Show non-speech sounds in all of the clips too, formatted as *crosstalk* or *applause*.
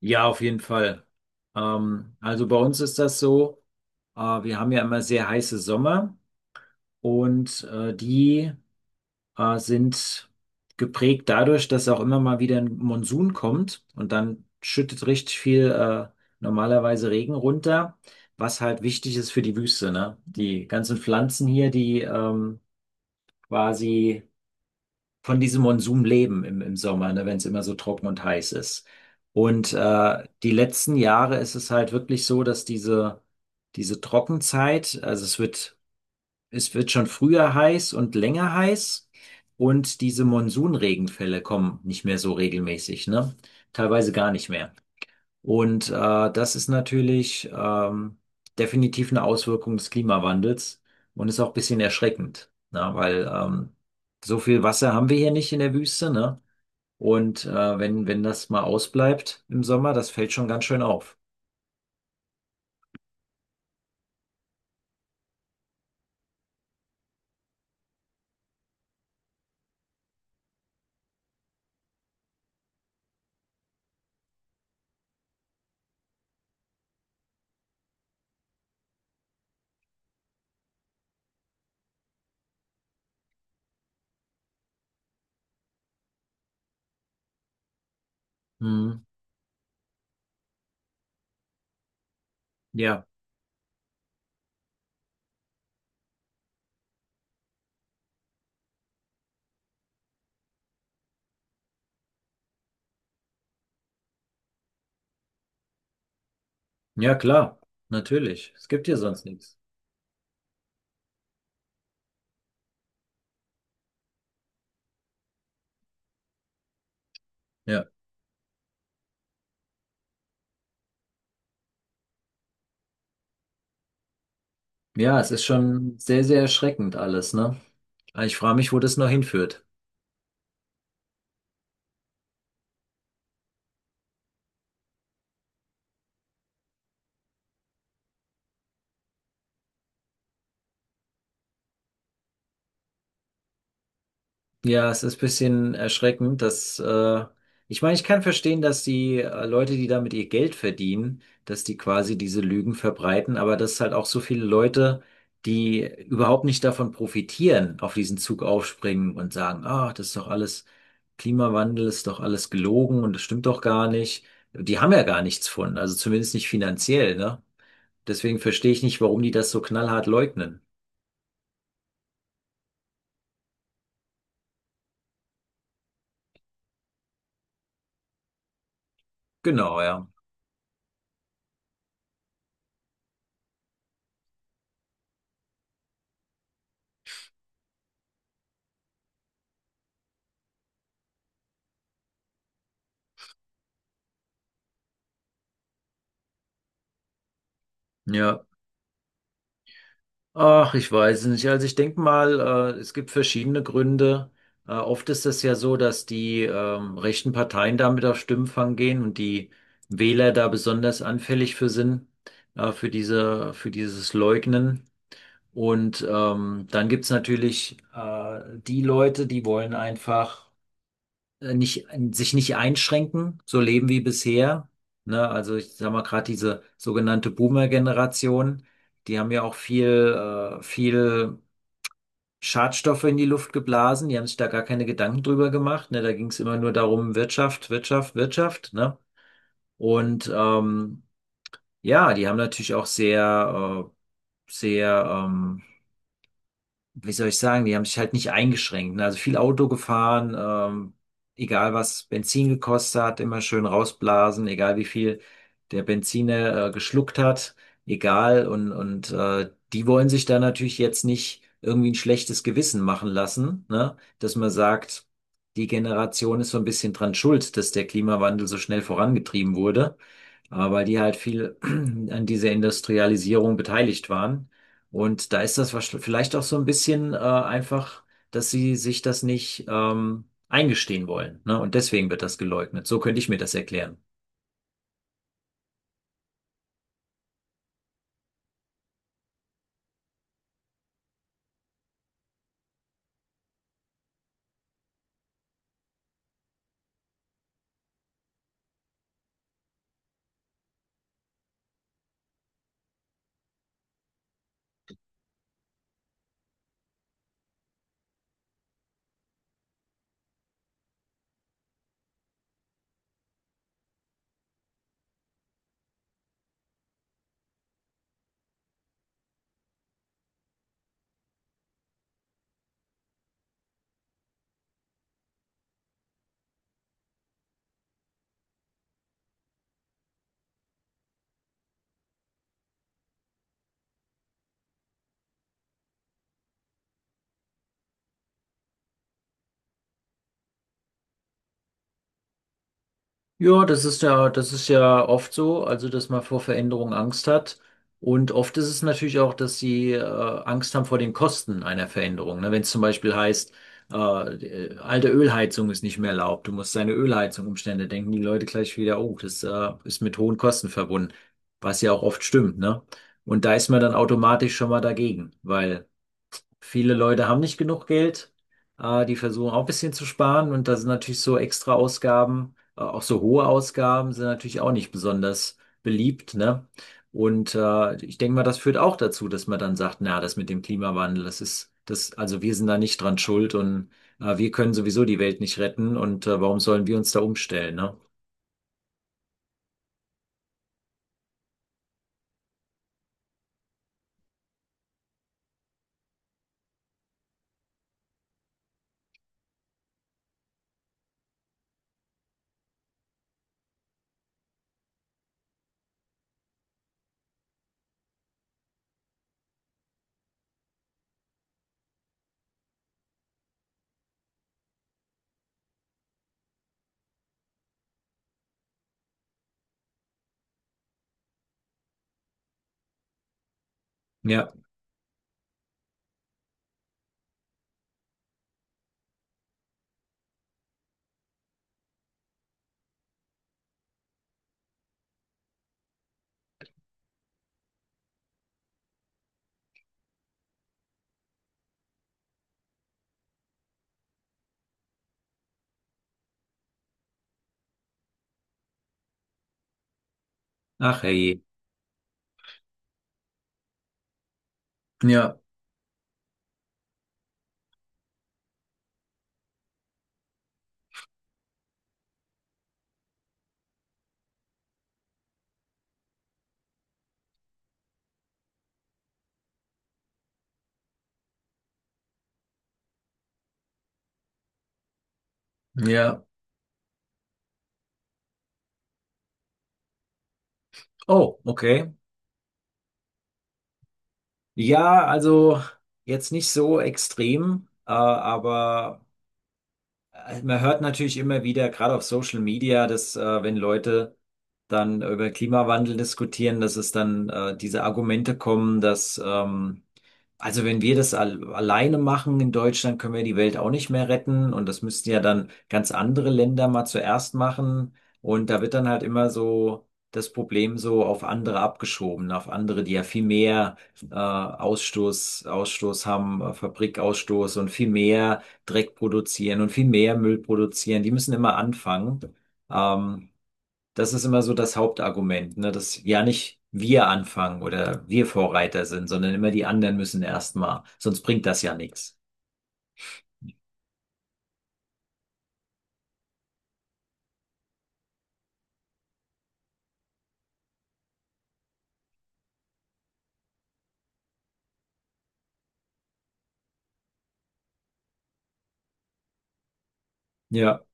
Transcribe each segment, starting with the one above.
Ja, auf jeden Fall. Also bei uns ist das so, wir haben ja immer sehr heiße Sommer und die sind geprägt dadurch, dass auch immer mal wieder ein Monsun kommt und dann schüttet richtig viel normalerweise Regen runter, was halt wichtig ist für die Wüste, ne? Die ganzen Pflanzen hier, die quasi von diesem Monsum leben im Sommer, ne, wenn es immer so trocken und heiß ist. Und die letzten Jahre ist es halt wirklich so, dass diese Trockenzeit, also es wird schon früher heiß und länger heiß und diese Monsunregenfälle kommen nicht mehr so regelmäßig, ne? Teilweise gar nicht mehr. Und das ist natürlich definitiv eine Auswirkung des Klimawandels und ist auch ein bisschen erschreckend, ne? Weil so viel Wasser haben wir hier nicht in der Wüste, ne? Und wenn das mal ausbleibt im Sommer, das fällt schon ganz schön auf. Mhm. Ja, ja, klar, natürlich. Es gibt hier sonst nichts. Ja. Ja, es ist schon sehr, sehr erschreckend alles, ne? Ich frage mich, wo das noch hinführt. Ja, es ist ein bisschen erschreckend, dass ich meine, ich kann verstehen, dass die Leute, die damit ihr Geld verdienen, dass die quasi diese Lügen verbreiten, aber dass es halt auch so viele Leute, die überhaupt nicht davon profitieren, auf diesen Zug aufspringen und sagen, ah, das ist doch alles Klimawandel, ist doch alles gelogen und das stimmt doch gar nicht. Die haben ja gar nichts von, also zumindest nicht finanziell, ne? Deswegen verstehe ich nicht, warum die das so knallhart leugnen. Genau, ja. Ja. Ach, ich weiß nicht. Also ich denke mal, es gibt verschiedene Gründe. Oft ist es ja so, dass die rechten Parteien damit auf Stimmenfang gehen und die Wähler da besonders anfällig für sind, für dieses Leugnen. Und dann gibt's natürlich die Leute, die wollen einfach nicht, sich nicht einschränken, so leben wie bisher. Ne? Also ich sag mal gerade diese sogenannte Boomer-Generation, die haben ja auch viel Schadstoffe in die Luft geblasen, die haben sich da gar keine Gedanken drüber gemacht. Ne? Da ging es immer nur darum, Wirtschaft, Wirtschaft, Wirtschaft. Ne? Und ja, die haben natürlich auch sehr, wie soll ich sagen, die haben sich halt nicht eingeschränkt. Ne? Also viel Auto gefahren, egal was Benzin gekostet hat, immer schön rausblasen, egal wie viel der Benziner geschluckt hat, egal. Und die wollen sich da natürlich jetzt nicht irgendwie ein schlechtes Gewissen machen lassen, ne? Dass man sagt, die Generation ist so ein bisschen dran schuld, dass der Klimawandel so schnell vorangetrieben wurde, aber weil die halt viel *clears throat* an dieser Industrialisierung beteiligt waren. Und da ist das vielleicht auch so ein bisschen einfach, dass sie sich das nicht eingestehen wollen, ne? Und deswegen wird das geleugnet. So könnte ich mir das erklären. Ja, das ist ja, das ist ja oft so, also dass man vor Veränderungen Angst hat. Und oft ist es natürlich auch, dass sie Angst haben vor den Kosten einer Veränderung. Ne? Wenn es zum Beispiel heißt, die alte Ölheizung ist nicht mehr erlaubt, du musst deine Ölheizung umstellen, da denken die Leute gleich wieder, oh, das ist mit hohen Kosten verbunden, was ja auch oft stimmt, ne? Und da ist man dann automatisch schon mal dagegen, weil viele Leute haben nicht genug Geld, die versuchen auch ein bisschen zu sparen und da sind natürlich so extra Ausgaben, auch so hohe Ausgaben sind natürlich auch nicht besonders beliebt, ne? Und ich denke mal, das führt auch dazu, dass man dann sagt, na, das mit dem Klimawandel, also wir sind da nicht dran schuld und wir können sowieso die Welt nicht retten und warum sollen wir uns da umstellen, ne? Ja, ach hey. Ja, ja. Oh, okay. Ja, also jetzt nicht so extrem, aber also man hört natürlich immer wieder, gerade auf Social Media, dass wenn Leute dann über Klimawandel diskutieren, dass es dann diese Argumente kommen, dass also wenn wir das al alleine machen in Deutschland, können wir die Welt auch nicht mehr retten. Und das müssten ja dann ganz andere Länder mal zuerst machen. Und da wird dann halt immer so das Problem so auf andere abgeschoben, auf andere, die ja viel mehr Ausstoß haben, Fabrikausstoß und viel mehr Dreck produzieren und viel mehr Müll produzieren. Die müssen immer anfangen. Ähm, das ist immer so das Hauptargument, ne? Dass ja nicht wir anfangen oder wir Vorreiter sind, sondern immer die anderen müssen erstmal. Sonst bringt das ja nichts. Ja.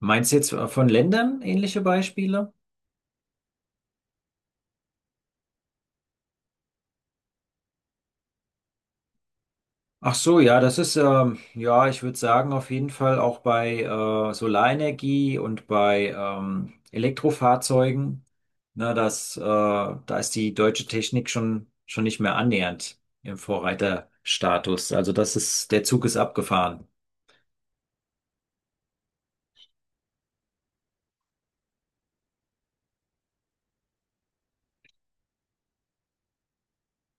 Meinst du jetzt von Ländern ähnliche Beispiele? Ach so, ja, ja, ich würde sagen, auf jeden Fall auch bei Solarenergie und bei Elektrofahrzeugen. Na, da ist die deutsche Technik schon nicht mehr annähernd im Vorreiterstatus. Also das ist, der Zug ist abgefahren.